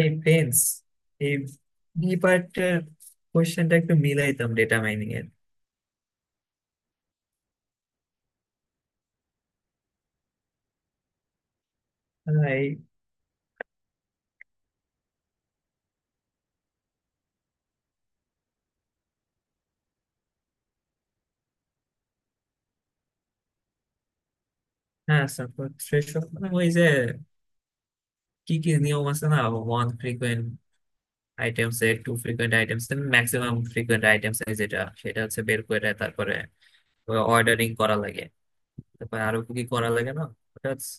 এই প্রিন্স এই বি পার্টের কোয়েশ্চেনটা একটু মিলাইতাম ডেটা মাইনিং এর। এই, হ্যাঁ support সেসব, মানে ওই যে কি কি নিয়ম আছে না, ওয়ান ফ্রিকোয়েন্ট আইটেমস এর, টু ফ্রিকোয়েন্ট আইটেমস এর, ম্যাক্সিমাম ফ্রিকোয়েন্ট আইটেমস এর যেটা, সেটা হচ্ছে বের করে তারপরে অর্ডারিং করা লাগে। তারপরে আরো কি কি করা লাগে না? ওটা হচ্ছে-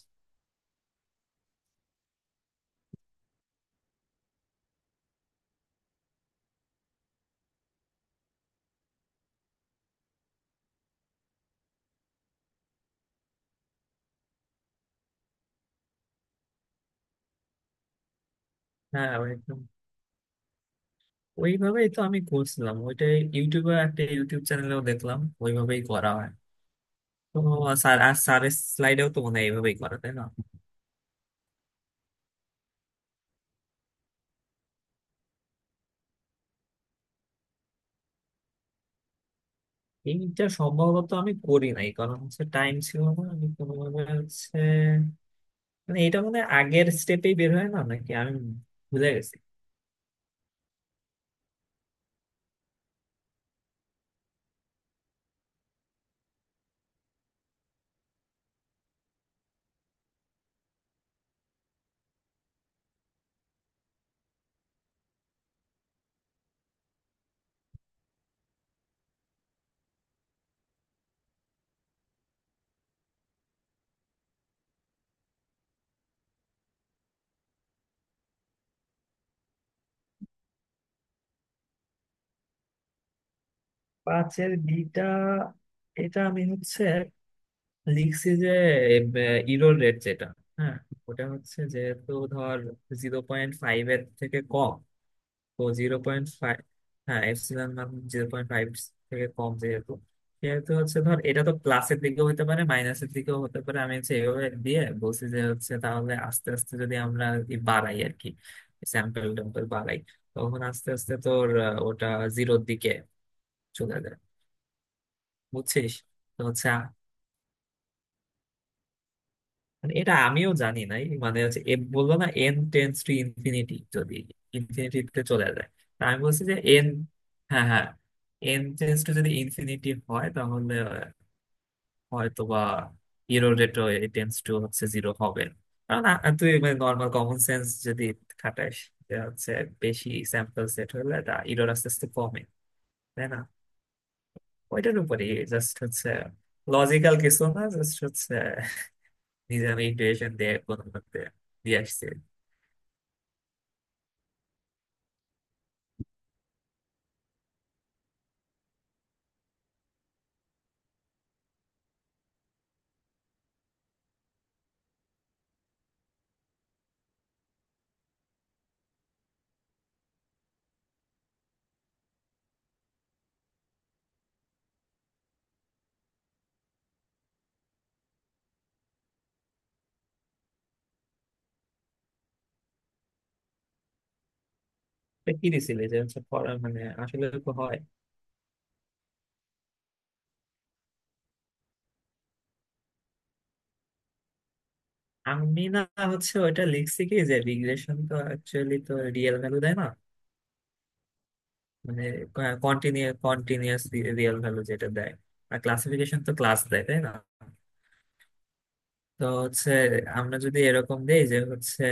হ্যাঁ ওই একদম ওইভাবেই তো আমি করছিলাম ওইটা। ইউটিউবে একটা ইউটিউব চ্যানেলেও দেখলাম ওইভাবেই করা হয়। তো স্যার আর স্যারের স্লাইডেও তো মনে হয় এইভাবেই করা, তাই না? এইটা সম্ভবত আমি করি নাই, কারণ হচ্ছে টাইম ছিল না, আমি কোনোভাবে হচ্ছে, মানে এটা মানে আগের স্টেপেই বের হয় না নাকি, আমি ভুলে গেছি। পাঁচের বিটা এটা আমি হচ্ছে লিখছি যে ইরোর রেট যেটা, হ্যাঁ ওটা হচ্ছে, যেহেতু ধর 0.5 এর থেকে কম, তো 0.5, হ্যাঁ এপসিলন মান 0.5 থেকে কম, যেহেতু সেহেতু হচ্ছে ধর, এটা তো প্লাসের দিকেও হতে পারে মাইনাসের দিকেও হতে পারে। আমি হচ্ছে এভাবে দিয়ে বলছি যে হচ্ছে তাহলে আস্তে আস্তে যদি আমরা আর কি বাড়াই আর কি, স্যাম্পল ট্যাম্পল বাড়াই, তখন আস্তে আস্তে তোর ওটা জিরোর দিকে চলে যায়, বুঝছিস? তো হচ্ছে, মানে এটা আমিও জানি নাই, মানে হচ্ছে এ বললো না, এন টেন্স টু ইনফিনিটি যদি ইনফিনিটিতে চলে যায়। তা আমি বলছি যে এন, হ্যাঁ হ্যাঁ, এন টেন্স টু যদি ইনফিনিটি হয় তাহলে হয়তো বা ইরো রেটও এ টেন্স টু হচ্ছে জিরো হবে না। কারণ তুই মানে নর্মাল কমন সেন্স যদি খাটাস, যে হচ্ছে বেশি স্যাম্পল সেট হলে তা ইরোর আস্তে আস্তে কমে, তাই না? ওইটার উপরে জাস্ট হচ্ছে, লজিক্যাল কিছু না, জাস্ট হচ্ছে নিজে আমি ইন্টুইশন দিয়ে কোনো মতে দিয়ে আসছি। এটা কি দিছিলি যে হচ্ছে মানে আসলে তো হয়। আমি না, হচ্ছে ওইটা লিখছি কি যে রিগ্রেশন তো অ্যাকচুয়ালি তো রিয়েল ভ্যালু দেয় না, মানে কন্টিনিউয়াস রিয়েল ভ্যালু যেটা দেয়। আর ক্লাসিফিকেশন তো ক্লাস দেয়, তাই না? তো হচ্ছে আমরা যদি এরকম দেই যে হচ্ছে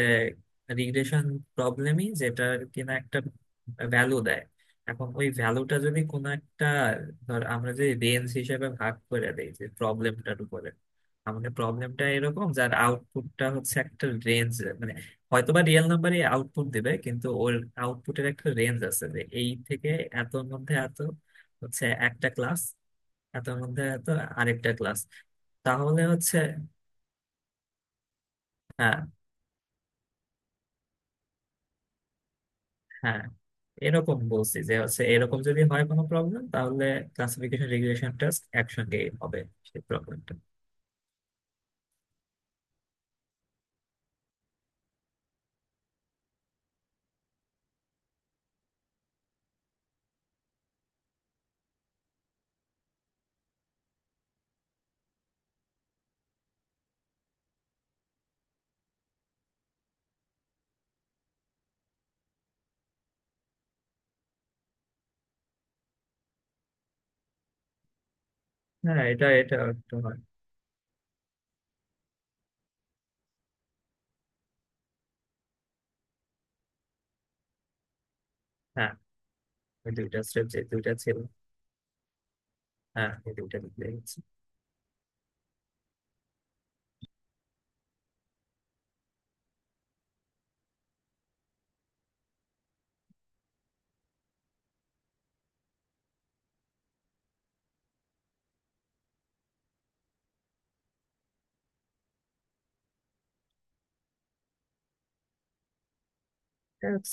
রিগ্রেশন প্রবলেমই, যেটা কিনা একটা ভ্যালু দেয়। এখন ওই ভ্যালুটা যদি কোনো একটা, ধর আমরা যে রেঞ্জ হিসেবে ভাগ করে দেই, যে প্রবলেমটার উপরে আমাদের প্রবলেমটা এরকম যার আউটপুটটা হচ্ছে একটা রেঞ্জ, মানে হয়তোবা রিয়েল নাম্বারই আউটপুট দিবে কিন্তু ওর আউটপুটের একটা রেঞ্জ আছে, যে এই থেকে এতর মধ্যে এত হচ্ছে একটা ক্লাস, এতর মধ্যে এত আরেকটা ক্লাস। তাহলে হচ্ছে, হ্যাঁ, হ্যাঁ, এরকম বলছি যে হচ্ছে এরকম যদি হয় কোনো প্রবলেম, তাহলে ক্লাসিফিকেশন রিগ্রেশন টেস্ট একসঙ্গে হবে সেই প্রবলেমটা। হ্যাঁ এটা এটা একটু হয়। হ্যাঁ ওই দুইটা স্টেপ যে দুইটা ছিল, হ্যাঁ এই দুইটা দিতে হচ্ছে।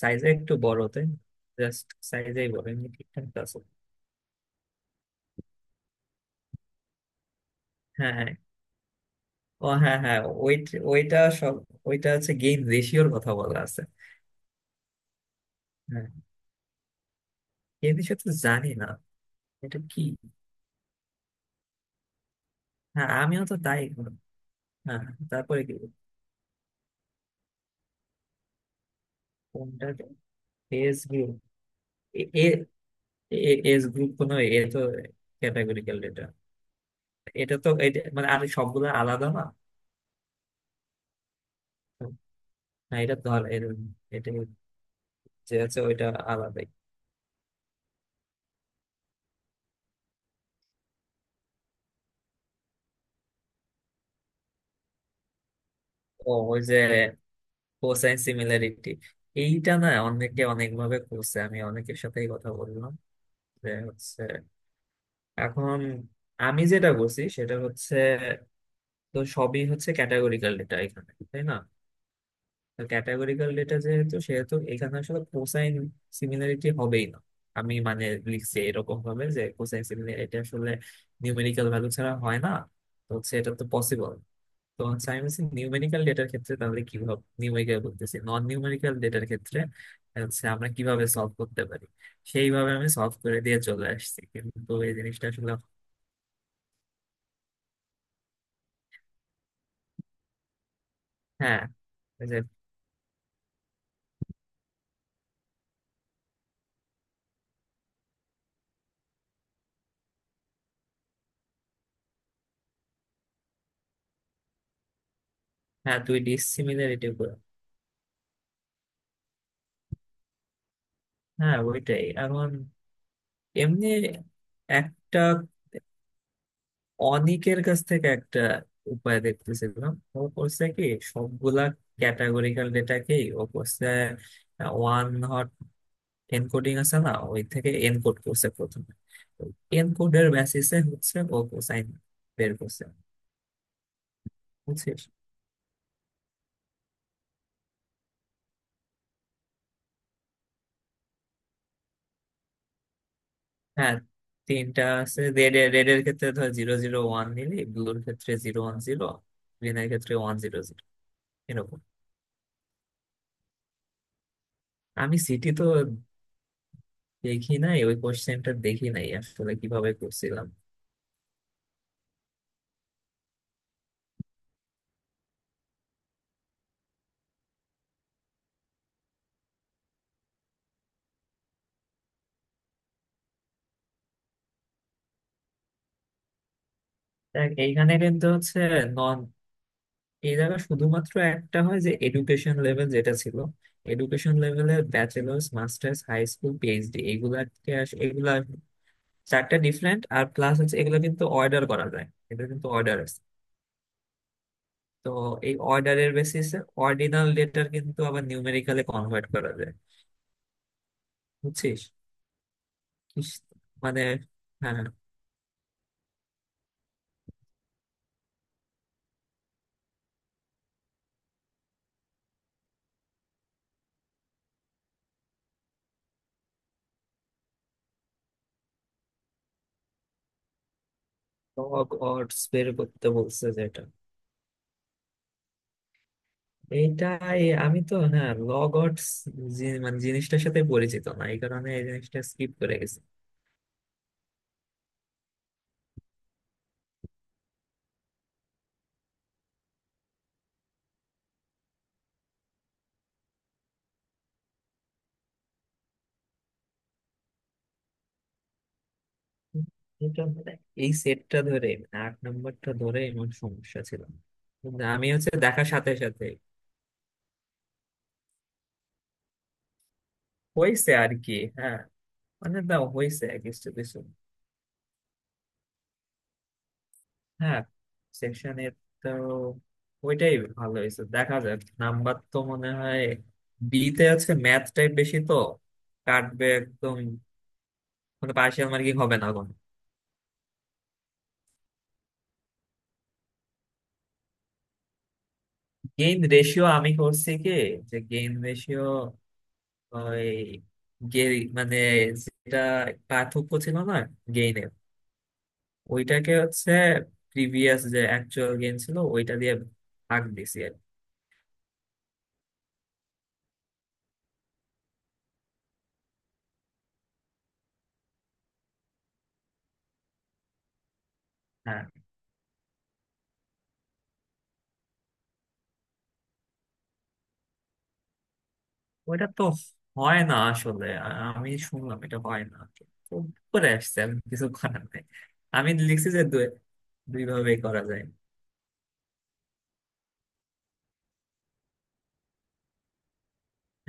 সাইজে একটু বড় তাই, জাস্ট সাইজেই বড়, এমনি ঠিকঠাক তো আছে। হ্যাঁ হ্যাঁ। ও হ্যাঁ হ্যাঁ, ওই ওইটা সব ওইটা হচ্ছে গেইন রেশিওর কথা বলা আছে। হ্যাঁ, গেইন রেশিও তো জানি না, এটা কি? হ্যাঁ আমিও তো তাই। হ্যাঁ, তারপরে কি? কোনটা? ফেস ভিউ এ, এজ গ্রুপ কোনো এ তো ক্যাটাগরিক্যাল ডেটা। এটা তো, এটা মানে আর সবগুলো আলাদা না। না এটা ধর এটা, যে আছে ওইটা, আলাদাই। ও ওই যে কোসাইন সিমিলারিটি, এইটা না অনেকে অনেক ভাবে করছে, আমি অনেকের সাথেই কথা বললাম যে হচ্ছে। এখন আমি যেটা করছি সেটা হচ্ছে, তো সবই হচ্ছে ক্যাটাগরিক্যাল ডেটা এখানে, তাই না? তো ক্যাটাগরিক্যাল ডেটা যেহেতু, সেহেতু এখানে আসলে কোসাইন সিমিলারিটি হবেই না। আমি মানে লিখছি এরকম ভাবে যে কোসাইন সিমিলারিটি আসলে নিউমেরিক্যাল ভ্যালু ছাড়া হয় না, তো হচ্ছে এটা তো পসিবল। তো হচ্ছে আমি বলছি নিউমেরিক্যাল ডেটার ক্ষেত্রে তাহলে কিভাবে, নিউমেরিক্যাল বলতেছি, নন নিউমেরিক্যাল ডেটার ক্ষেত্রে হচ্ছে আমরা কিভাবে সলভ করতে পারি, সেইভাবে আমি সলভ করে দিয়ে চলে আসছি, কিন্তু এই জিনিসটা আসলে। হ্যাঁ এই যে, হ্যাঁ তুই ডিসিমিলারিটি। হ্যাঁ ওইটাই এখন, এমনি। একটা অনিকের কাছ থেকে একটা উপায় দেখতেছিলাম, ও করছে কি সবগুলা ক্যাটাগরিক্যাল ডেটাকেই ও করছে, ওয়ান হট এনকোডিং আছে না, ওই থেকে এনকোড করছে প্রথমে, এনকোডের বেসিসে হচ্ছে ও কোসাইন বের করছে, বুঝছিস? হ্যাঁ তিনটা আছে, রেড এর, red এর ক্ষেত্রে ধর 001, নিলি ব্লুর ক্ষেত্রে 010, গ্রিনের ক্ষেত্রে 100, এরকম। আমি সিটি তো দেখি নাই, ওই কোশ্চেনটা দেখি নাই আসলে কিভাবে করছিলাম। দেখ এইখানে কিন্তু হচ্ছে নন, এই জায়গায় শুধুমাত্র একটা হয় যে এডুকেশন লেভেল যেটা ছিল, এডুকেশন লেভেলে bachelors masters high school PhD, এগুলাকে এগুলা চারটা ডিফারেন্ট, আর প্লাস হচ্ছে এগুলো কিন্তু অর্ডার করা যায়, এটা কিন্তু অর্ডার। তো এই অর্ডারের বেসিসে অর্ডিনাল ডেটার কিন্তু আবার নিউমেরিক্যালে কনভার্ট করা যায়, বুঝছিস? কিস- মানে। হ্যাঁ, লগ অডস বের করতে বলছে যেটা, এইটাই আমি তো না, লগ অডস মানে জিনিসটার সাথে পরিচিত না, এই কারণে এই জিনিসটা স্কিপ করে গেছি। এটা মানে এই সেটটা ধরে মানে 8 নম্বরটা ধরে এমন সমস্যা ছিল, কিন্তু আমি হচ্ছে দেখার সাথে সাথে হয়েছে আর কি। হ্যাঁ, মানে দাও হয়েছে কিছু কিছু। হ্যাঁ সেকশনের, তো ওইটাই ভালো হয়েছে, দেখা যাক। নাম্বার তো মনে হয় বি তে আছে, ম্যাথ টাইপ বেশি তো, কাটবে একদম। মানে পার্সিয়াল মার্কিং হবে না কোনো? গেইন রেশিও আমি করছি কি, যে গেইন রেশিও ওই গে- মানে, যেটা পার্থক্য ছিল না গেইনের, ওইটাকে হচ্ছে প্রিভিয়াস যে অ্যাকচুয়াল গেইন ছিল, ওইটা দিয়ে ভাগ দিছি আর কি। হ্যাঁ ওইটা তো হয় না আসলে আমি শুনলাম এটা হয় না। তো উপরে আসছে, আমি কিছু করার নাই। আমি লিখছি যে দুই দুই ভাবেই করা যায়।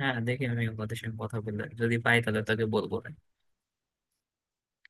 হ্যাঁ দেখি, আমি ওদের সঙ্গে কথা বলে যদি পাই তাহলে তাকে বলবো।